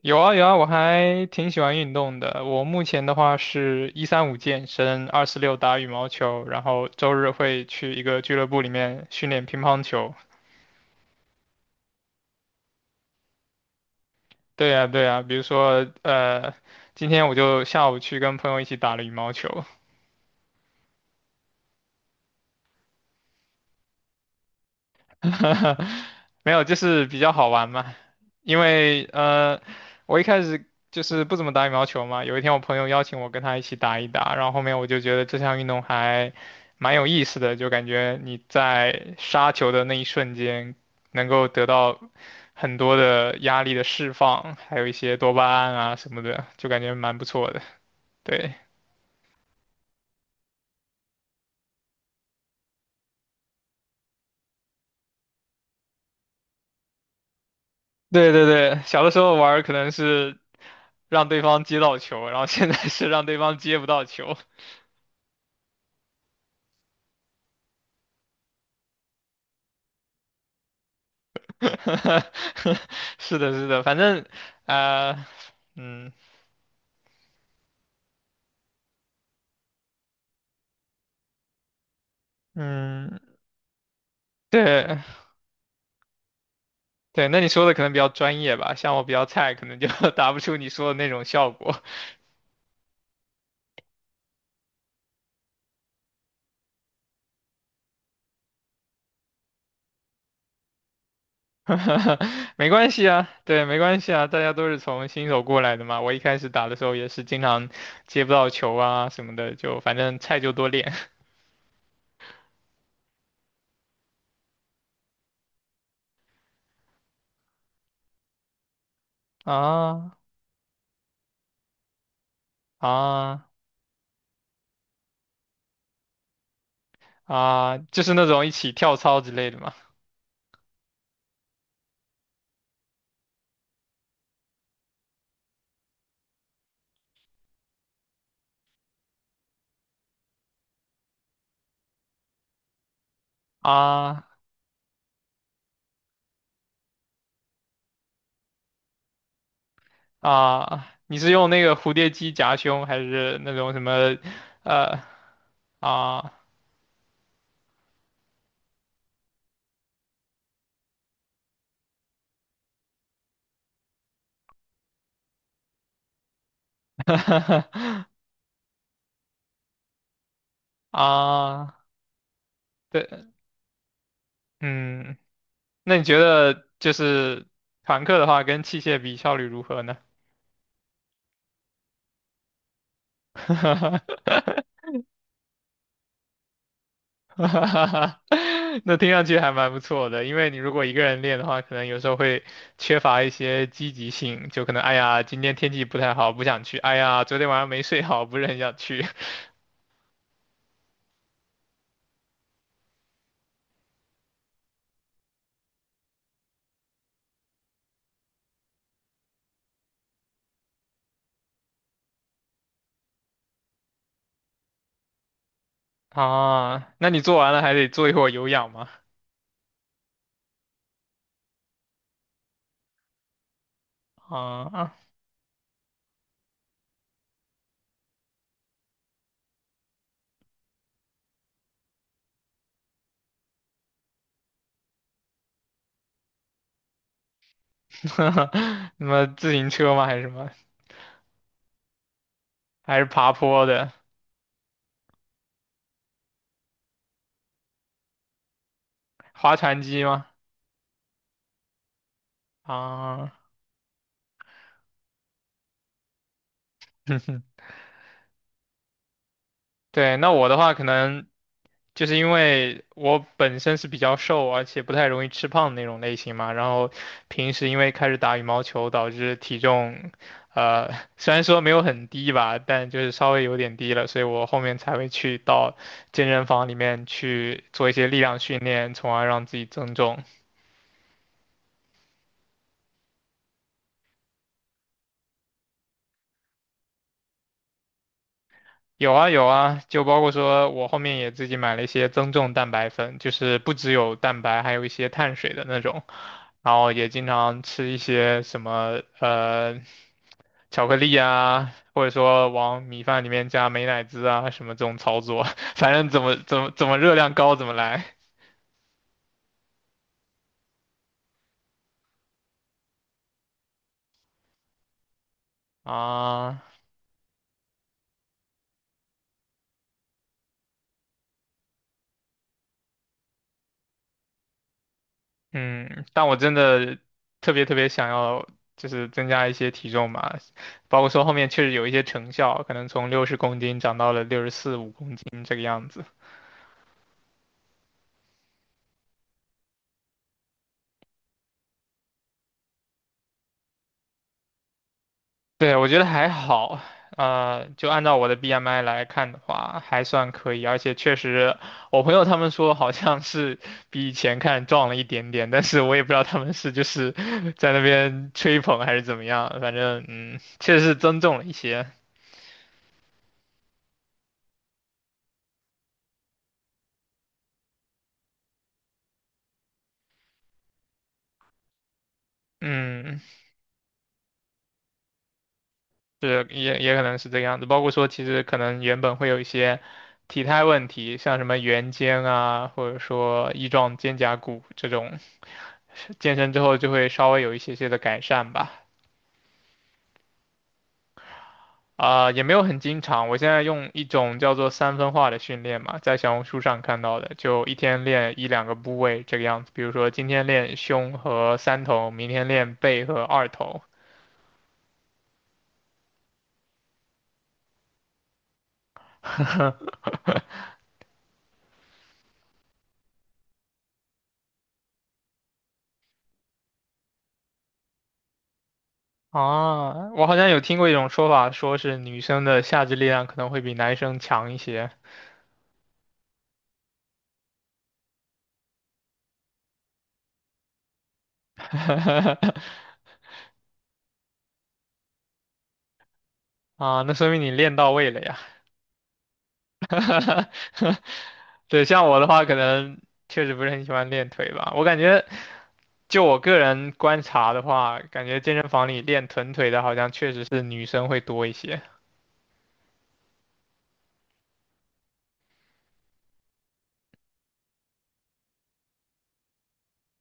有啊有啊，我还挺喜欢运动的。我目前的话是一三五健身，二四六打羽毛球，然后周日会去一个俱乐部里面训练乒乓球。对呀对呀，比如说今天我就下午去跟朋友一起打了羽毛球。没有，就是比较好玩嘛。因为我一开始就是不怎么打羽毛球嘛，有一天我朋友邀请我跟他一起打一打，然后后面我就觉得这项运动还蛮有意思的，就感觉你在杀球的那一瞬间能够得到很多的压力的释放，还有一些多巴胺啊什么的，就感觉蛮不错的。对，对对对，小的时候玩儿可能是让对方接到球，然后现在是让对方接不到球。是的，是的，反正啊、呃嗯嗯，对对，那你说的可能比较专业吧，像我比较菜，可能就 达不出你说的那种效果。没关系啊，对，没关系啊，大家都是从新手过来的嘛。我一开始打的时候也是经常接不到球啊什么的，就反正菜就多练 啊啊啊，就是那种一起跳操之类的嘛。啊啊，你是用那个蝴蝶机夹胸，还是那种什么，呃，啊 啊，对，嗯，那你觉得就是团课的话，跟器械比效率如何呢？哈哈哈 那听上去还蛮不错的，因为你如果一个人练的话，可能有时候会缺乏一些积极性，就可能哎呀，今天天气不太好，不想去；哎呀，昨天晚上没睡好，不是很想去。啊，那你做完了还得做一会儿有氧吗？啊，什么自行车吗？还是什么？还是爬坡的？划船机吗？啊，对，那我的话可能。就是因为我本身是比较瘦，而且不太容易吃胖的那种类型嘛，然后平时因为开始打羽毛球，导致体重，呃，虽然说没有很低吧，但就是稍微有点低了，所以我后面才会去到健身房里面去做一些力量训练，从而让自己增重。有啊有啊，就包括说我后面也自己买了一些增重蛋白粉，就是不只有蛋白，还有一些碳水的那种。然后也经常吃一些什么巧克力啊，或者说往米饭里面加美乃滋啊，什么这种操作，反正怎么怎么怎么热量高怎么来啊。嗯，但我真的特别特别想要，就是增加一些体重吧，包括说后面确实有一些成效，可能从60公斤长到了64、65公斤这个样子。对，我觉得还好，就按照我的 BMI 来看的话，还算可以，而且确实，我朋友他们说好像是比以前看壮了一点点，但是我也不知道他们是就是 在那边吹捧还是怎么样，反正嗯，确实是增重了一些，嗯，是也也可能是这个样子，包括说其实可能原本会有一些体态问题，像什么圆肩啊，或者说翼状肩胛骨这种，健身之后就会稍微有一些些的改善吧。也没有很经常。我现在用一种叫做三分化的训练嘛，在小红书上看到的，就一天练一两个部位这个样子。比如说今天练胸和三头，明天练背和二头。啊，我好像有听过一种说法，说是女生的下肢力量可能会比男生强一些。啊，那说明你练到位了呀。对，像我的话，可能确实不是很喜欢练腿吧。我感觉，就我个人观察的话，感觉健身房里练臀腿的，好像确实是女生会多一些。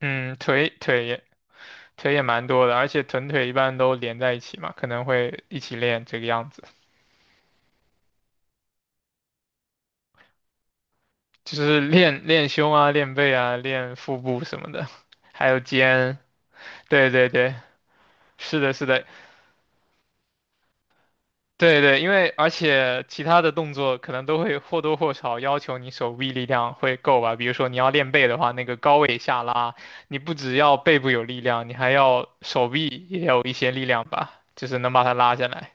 嗯，腿也蛮多的，而且臀腿一般都连在一起嘛，可能会一起练这个样子，就是练练胸啊、练背啊、练腹部什么的，还有肩。对对对，是的，是的，对对，因为而且其他的动作可能都会或多或少要求你手臂力量会够吧。比如说你要练背的话，那个高位下拉，你不只要背部有力量，你还要手臂也有一些力量吧，就是能把它拉下来。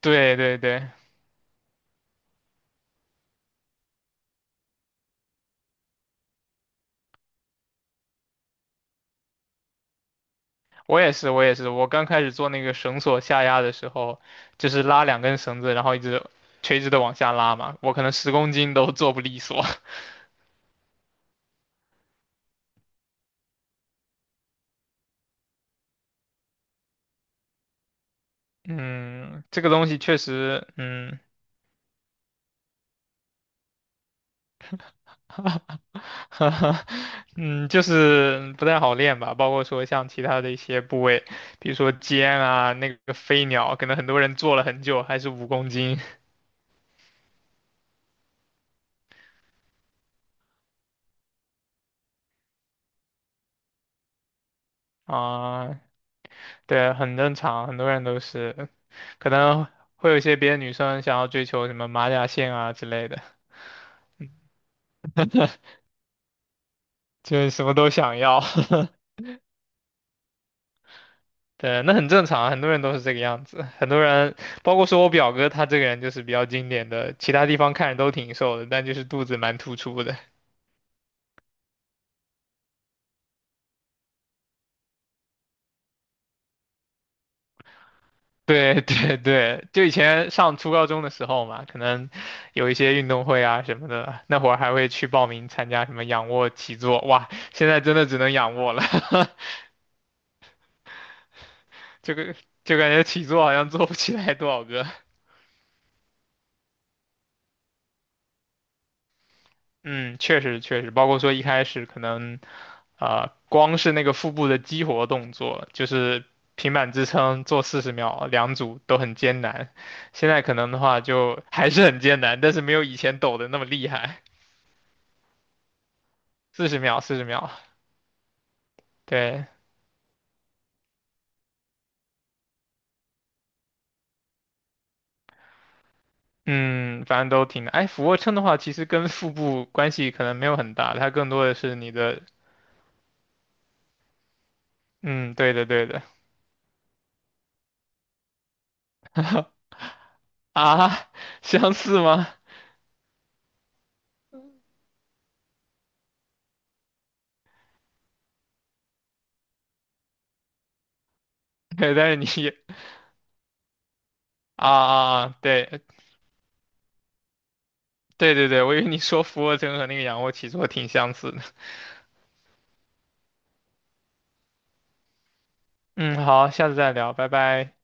对对对，我也是，我也是。我刚开始做那个绳索下压的时候，就是拉两根绳子，然后一直垂直的往下拉嘛，我可能十公斤都做不利索。嗯，这个东西确实，嗯。哈哈，嗯，就是不太好练吧，包括说像其他的一些部位，比如说肩啊，那个飞鸟，可能很多人做了很久还是五公斤啊，对，很正常，很多人都是，可能会有一些别的女生想要追求什么马甲线啊之类的，就是什么都想要，对，那很正常，很多人都是这个样子，很多人，包括说我表哥他这个人就是比较经典的，其他地方看着都挺瘦的，但就是肚子蛮突出的。对对对，就以前上初高中的时候嘛，可能有一些运动会啊什么的，那会儿还会去报名参加什么仰卧起坐，哇，现在真的只能仰卧了，这个就感觉起坐好像做不起来多少个。嗯，确实确实，包括说一开始可能，光是那个腹部的激活动作，就是平板支撑做四十秒两组都很艰难，现在可能的话就还是很艰难，但是没有以前抖的那么厉害。四十秒，四十秒，对，嗯，反正都挺哎，俯卧撑的话，其实跟腹部关系可能没有很大，它更多的是你的，嗯，对的，对的。啊，相似吗？对，但是你也啊啊啊，对，对对对，我以为你说俯卧撑和那个仰卧起坐挺相似的。嗯，好，下次再聊，拜拜。